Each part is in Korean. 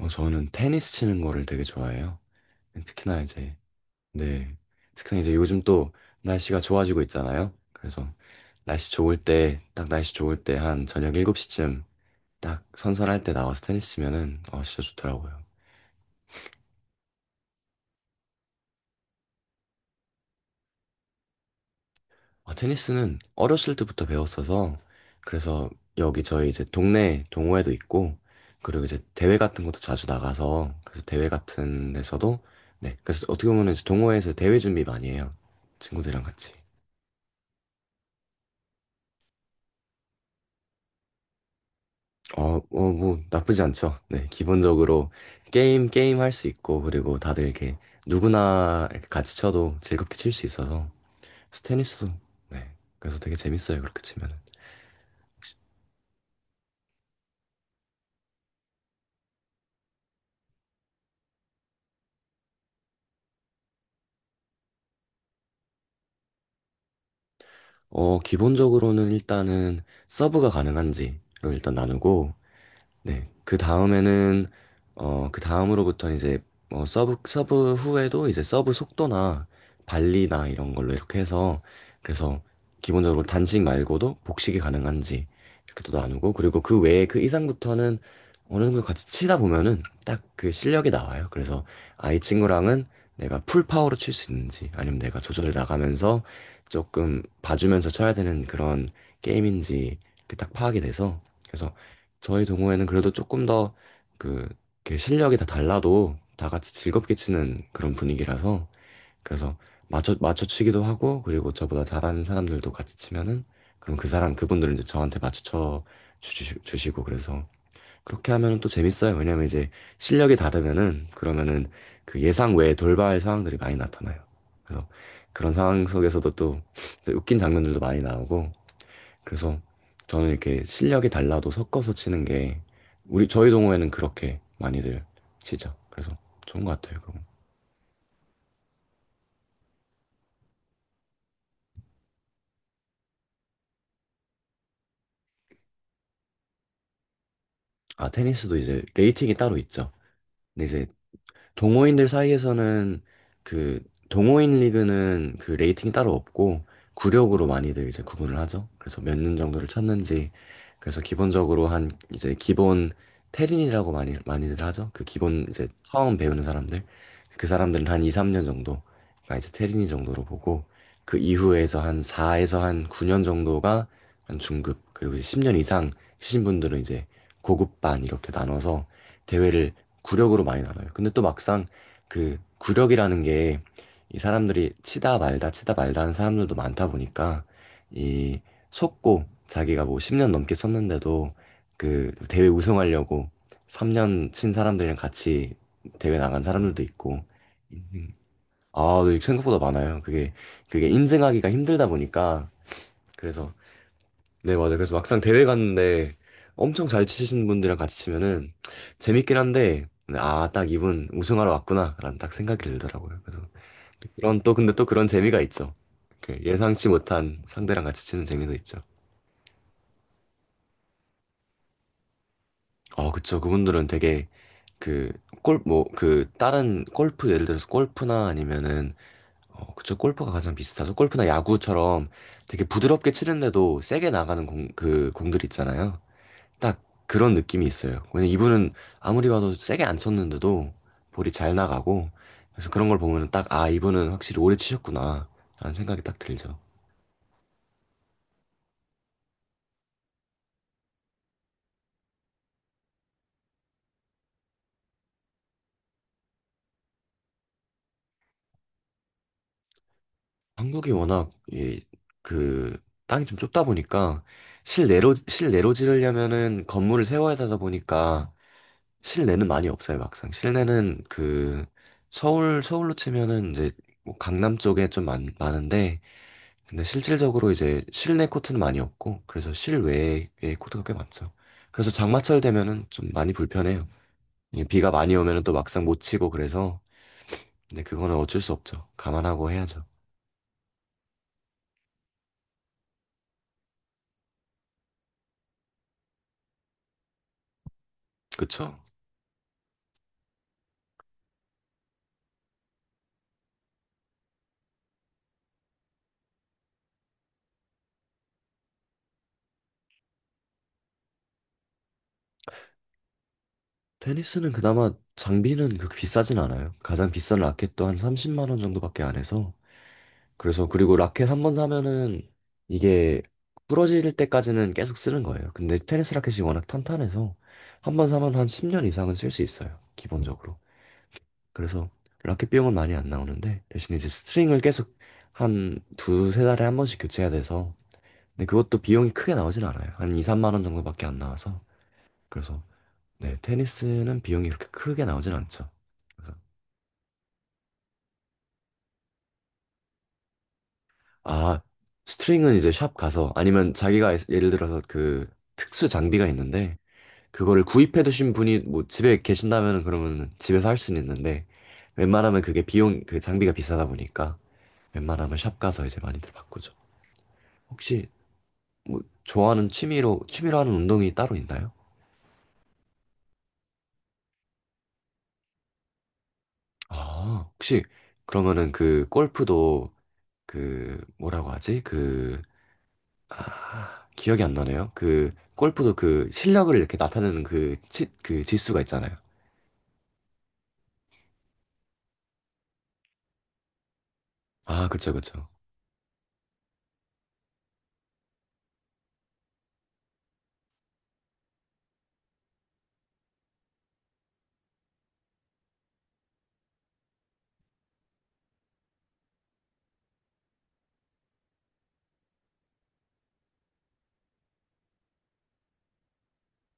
저는 테니스 치는 거를 되게 좋아해요. 특히나 이제, 네. 특히나 이제 요즘 또 날씨가 좋아지고 있잖아요. 그래서 날씨 좋을 때, 딱 날씨 좋을 때 한 저녁 7시쯤 딱 선선할 때 나와서 테니스 치면은, 진짜 좋더라고요. 아, 테니스는 어렸을 때부터 배웠어서, 그래서 여기 저희 이제 동네 동호회도 있고, 그리고 이제 대회 같은 것도 자주 나가서, 그래서 대회 같은 데서도, 네. 그래서 어떻게 보면 이제 동호회에서 대회 준비 많이 해요. 친구들이랑 같이. 뭐, 나쁘지 않죠. 네, 기본적으로 게임 할 수 있고, 그리고 다들 이렇게 누구나 이렇게 같이 쳐도 즐겁게 칠 수 있어서, 스테니스도, 네, 그래서 되게 재밌어요, 그렇게 치면은. 기본적으로는 일단은 서브가 가능한지를 일단 나누고, 네. 그 다음에는 그 다음으로부터는 이제 서브 후에도 이제 서브 속도나 발리나 이런 걸로 이렇게 해서 그래서 기본적으로 단식 말고도 복식이 가능한지 이렇게 또 나누고 그리고 그 외에 그 이상부터는 어느 정도 같이 치다 보면은 딱 그 실력이 나와요. 그래서 아, 이 친구랑은 내가 풀 파워로 칠 수 있는지 아니면 내가 조절해 나가면서 조금 봐주면서 쳐야 되는 그런 게임인지 이렇게 딱 파악이 돼서 그래서 저희 동호회는 그래도 조금 더 그, 이렇게 실력이 다 달라도 다 같이 즐겁게 치는 그런 분위기라서 그래서 맞춰치기도 하고 그리고 저보다 잘하는 사람들도 같이 치면은 그럼 그분들은 이제 저한테 주시고 그래서 그렇게 하면은 또 재밌어요. 왜냐면 이제 실력이 다르면은 그러면은 그 예상 외에 돌발 상황들이 많이 나타나요. 그래서 그런 상황 속에서도 또 웃긴 장면들도 많이 나오고 그래서 저는 이렇게 실력이 달라도 섞어서 치는 게 우리 저희 동호회는 그렇게 많이들 치죠. 그래서 좋은 것 같아요. 그럼. 아 테니스도 이제 레이팅이 따로 있죠. 근데 이제 동호인들 사이에서는 그 동호인 리그는 그 레이팅이 따로 없고 구력으로 많이들 이제 구분을 하죠. 그래서 몇 년 정도를 쳤는지 그래서 기본적으로 한 이제 기본 테린이라고 많이들 하죠. 그 기본 이제 처음 배우는 사람들 그 사람들은 한 2, 3년 정도가 이제 테린이 정도로 보고 그 이후에서 한 4에서 한 9년 정도가 한 중급 그리고 이제 10년 이상 치신 분들은 이제 고급반 이렇게 나눠서 대회를 구력으로 많이 달아요. 근데 또 막상 그 구력이라는 게 이 사람들이 치다 말다 치다 말다 하는 사람들도 많다 보니까 이 속고 자기가 뭐 10년 넘게 쳤는데도 그 대회 우승하려고 3년 친 사람들이랑 같이 대회 나간 사람들도 있고 인증. 아, 네, 생각보다 많아요. 그게 인증하기가 힘들다 보니까 그래서 네, 맞아요. 그래서 막상 대회 갔는데 엄청 잘 치시는 분들이랑 같이 치면은 재밌긴 한데, 네, 아, 딱 이분 우승하러 왔구나라는 딱 생각이 들더라고요. 그래서 그런 또 근데 또 그런 재미가 있죠. 그 예상치 못한 상대랑 같이 치는 재미도 있죠. 그쵸. 그분들은 되게 그 뭐, 그 다른 골프 예를 들어서 골프나 아니면은 그쵸. 골프가 가장 비슷하죠. 골프나 야구처럼 되게 부드럽게 치는데도 세게 나가는 공, 그 공들 있잖아요. 딱 그런 느낌이 있어요. 왜냐면 이분은 아무리 봐도 세게 안 쳤는데도 볼이 잘 나가고 그래서 그런 걸 보면은 딱 아, 이분은 확실히 오래 치셨구나 라는 생각이 딱 들죠. 한국이 워낙 이, 그 땅이 좀 좁다 보니까 실내로 지르려면은 건물을 세워야 되다 보니까 실내는 많이 없어요, 막상. 실내는 그 서울로 치면은 이제 뭐 강남 쪽에 좀 많은데 근데 실질적으로 이제 실내 코트는 많이 없고 그래서 실외에 코트가 꽤 많죠. 그래서 장마철 되면은 좀 많이 불편해요. 이게 비가 많이 오면은 또 막상 못 치고 그래서 근데 그거는 어쩔 수 없죠. 감안하고 해야죠. 그쵸? 테니스는 그나마 장비는 그렇게 비싸진 않아요. 가장 비싼 라켓도 한 30만 원 정도밖에 안 해서 그래서 그리고 라켓 한 번 사면은 이게 부러질 때까지는 계속 쓰는 거예요. 근데 테니스 라켓이 워낙 탄탄해서 한 번 사면 한 10년 이상은 쓸 수 있어요. 기본적으로. 그래서 라켓 비용은 많이 안 나오는데 대신 이제 스트링을 계속 한 두세 달에 한 번씩 교체해야 돼서 근데 그것도 비용이 크게 나오진 않아요. 한 2, 3만 원 정도밖에 안 나와서 그래서 네, 테니스는 비용이 그렇게 크게 나오진 않죠. 그래서 아, 스트링은 이제 샵 가서 아니면 자기가 예를 들어서 그 특수 장비가 있는데 그거를 구입해 두신 분이 뭐 집에 계신다면 그러면 집에서 할 수는 있는데 웬만하면 그게 비용 그 장비가 비싸다 보니까 웬만하면 샵 가서 이제 많이들 바꾸죠. 혹시 뭐 좋아하는 취미로 하는 운동이 따로 있나요? 아, 혹시 그러면은 그 골프도 그 뭐라고 하지? 그 아, 기억이 안 나네요. 그 골프도 그 실력을 이렇게 나타내는 그, 그 지수가 있잖아요. 아, 그쵸, 그쵸.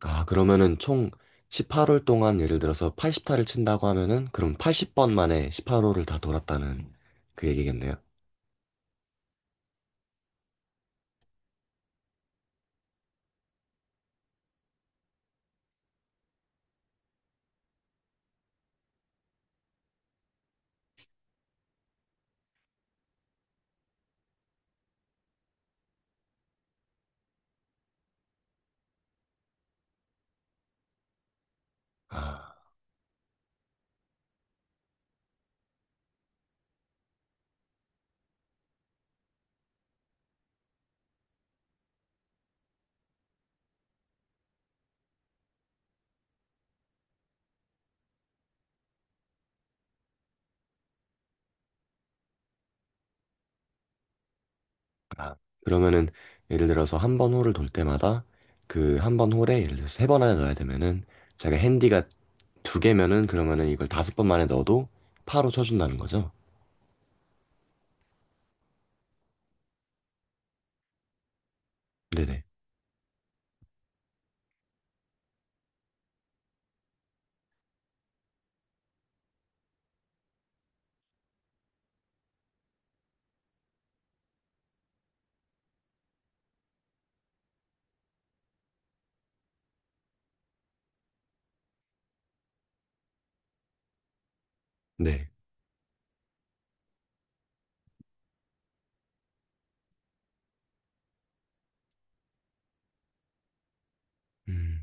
아, 그러면은 총 18홀 동안 예를 들어서 80타를 친다고 하면은 그럼 80번 만에 18홀을 다 돌았다는 그 얘기겠네요. 아, 아. 그러면은 예를 들어서 한 번 홀을 돌 때마다 그 한 번 홀에 예를 들어서 3번 안에 넣어야 되면은 제가 핸디가 두 개면은 그러면은 이걸 5번 만에 넣어도 파로 쳐준다는 거죠? 네네. 네. 음.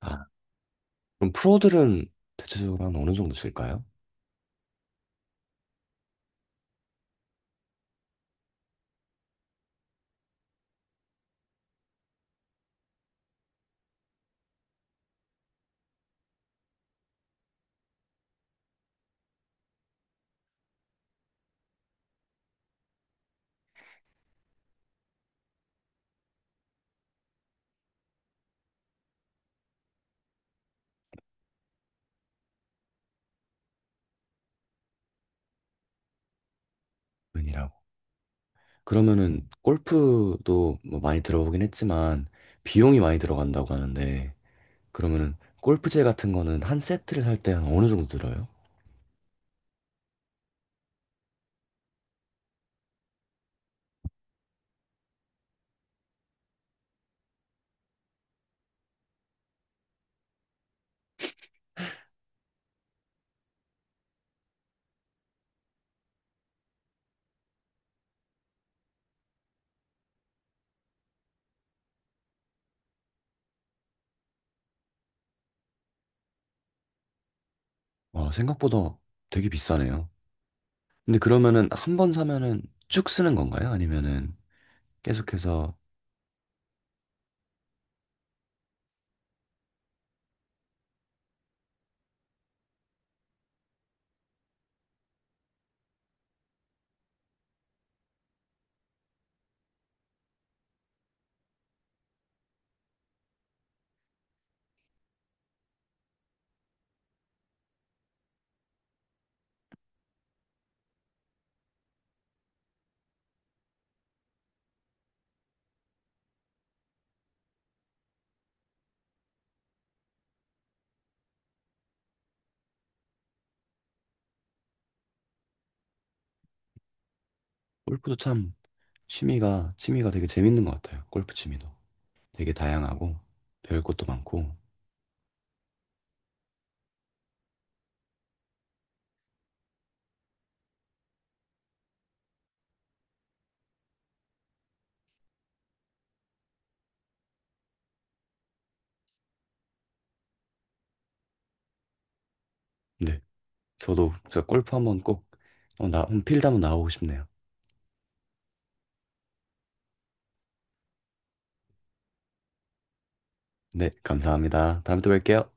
아. 그럼 프로들은 대체적으로 한 어느 정도 칠까요? 은이라고. 그러면은 골프도 뭐 많이 들어보긴 했지만 비용이 많이 들어간다고 하는데 그러면은 골프채 같은 거는 한 세트를 살 때 한 어느 정도 들어요? 아, 생각보다 되게 비싸네요. 근데 그러면은 한 번 사면은 쭉 쓰는 건가요? 아니면은 계속해서 골프도 참 취미가 되게 재밌는 것 같아요. 골프 취미도 되게 다양하고 배울 것도 많고. 네. 저도 진짜 골프 한번 꼭, 필드 한번 나오고 싶네요. 네, 감사합니다. 다음에 또 뵐게요.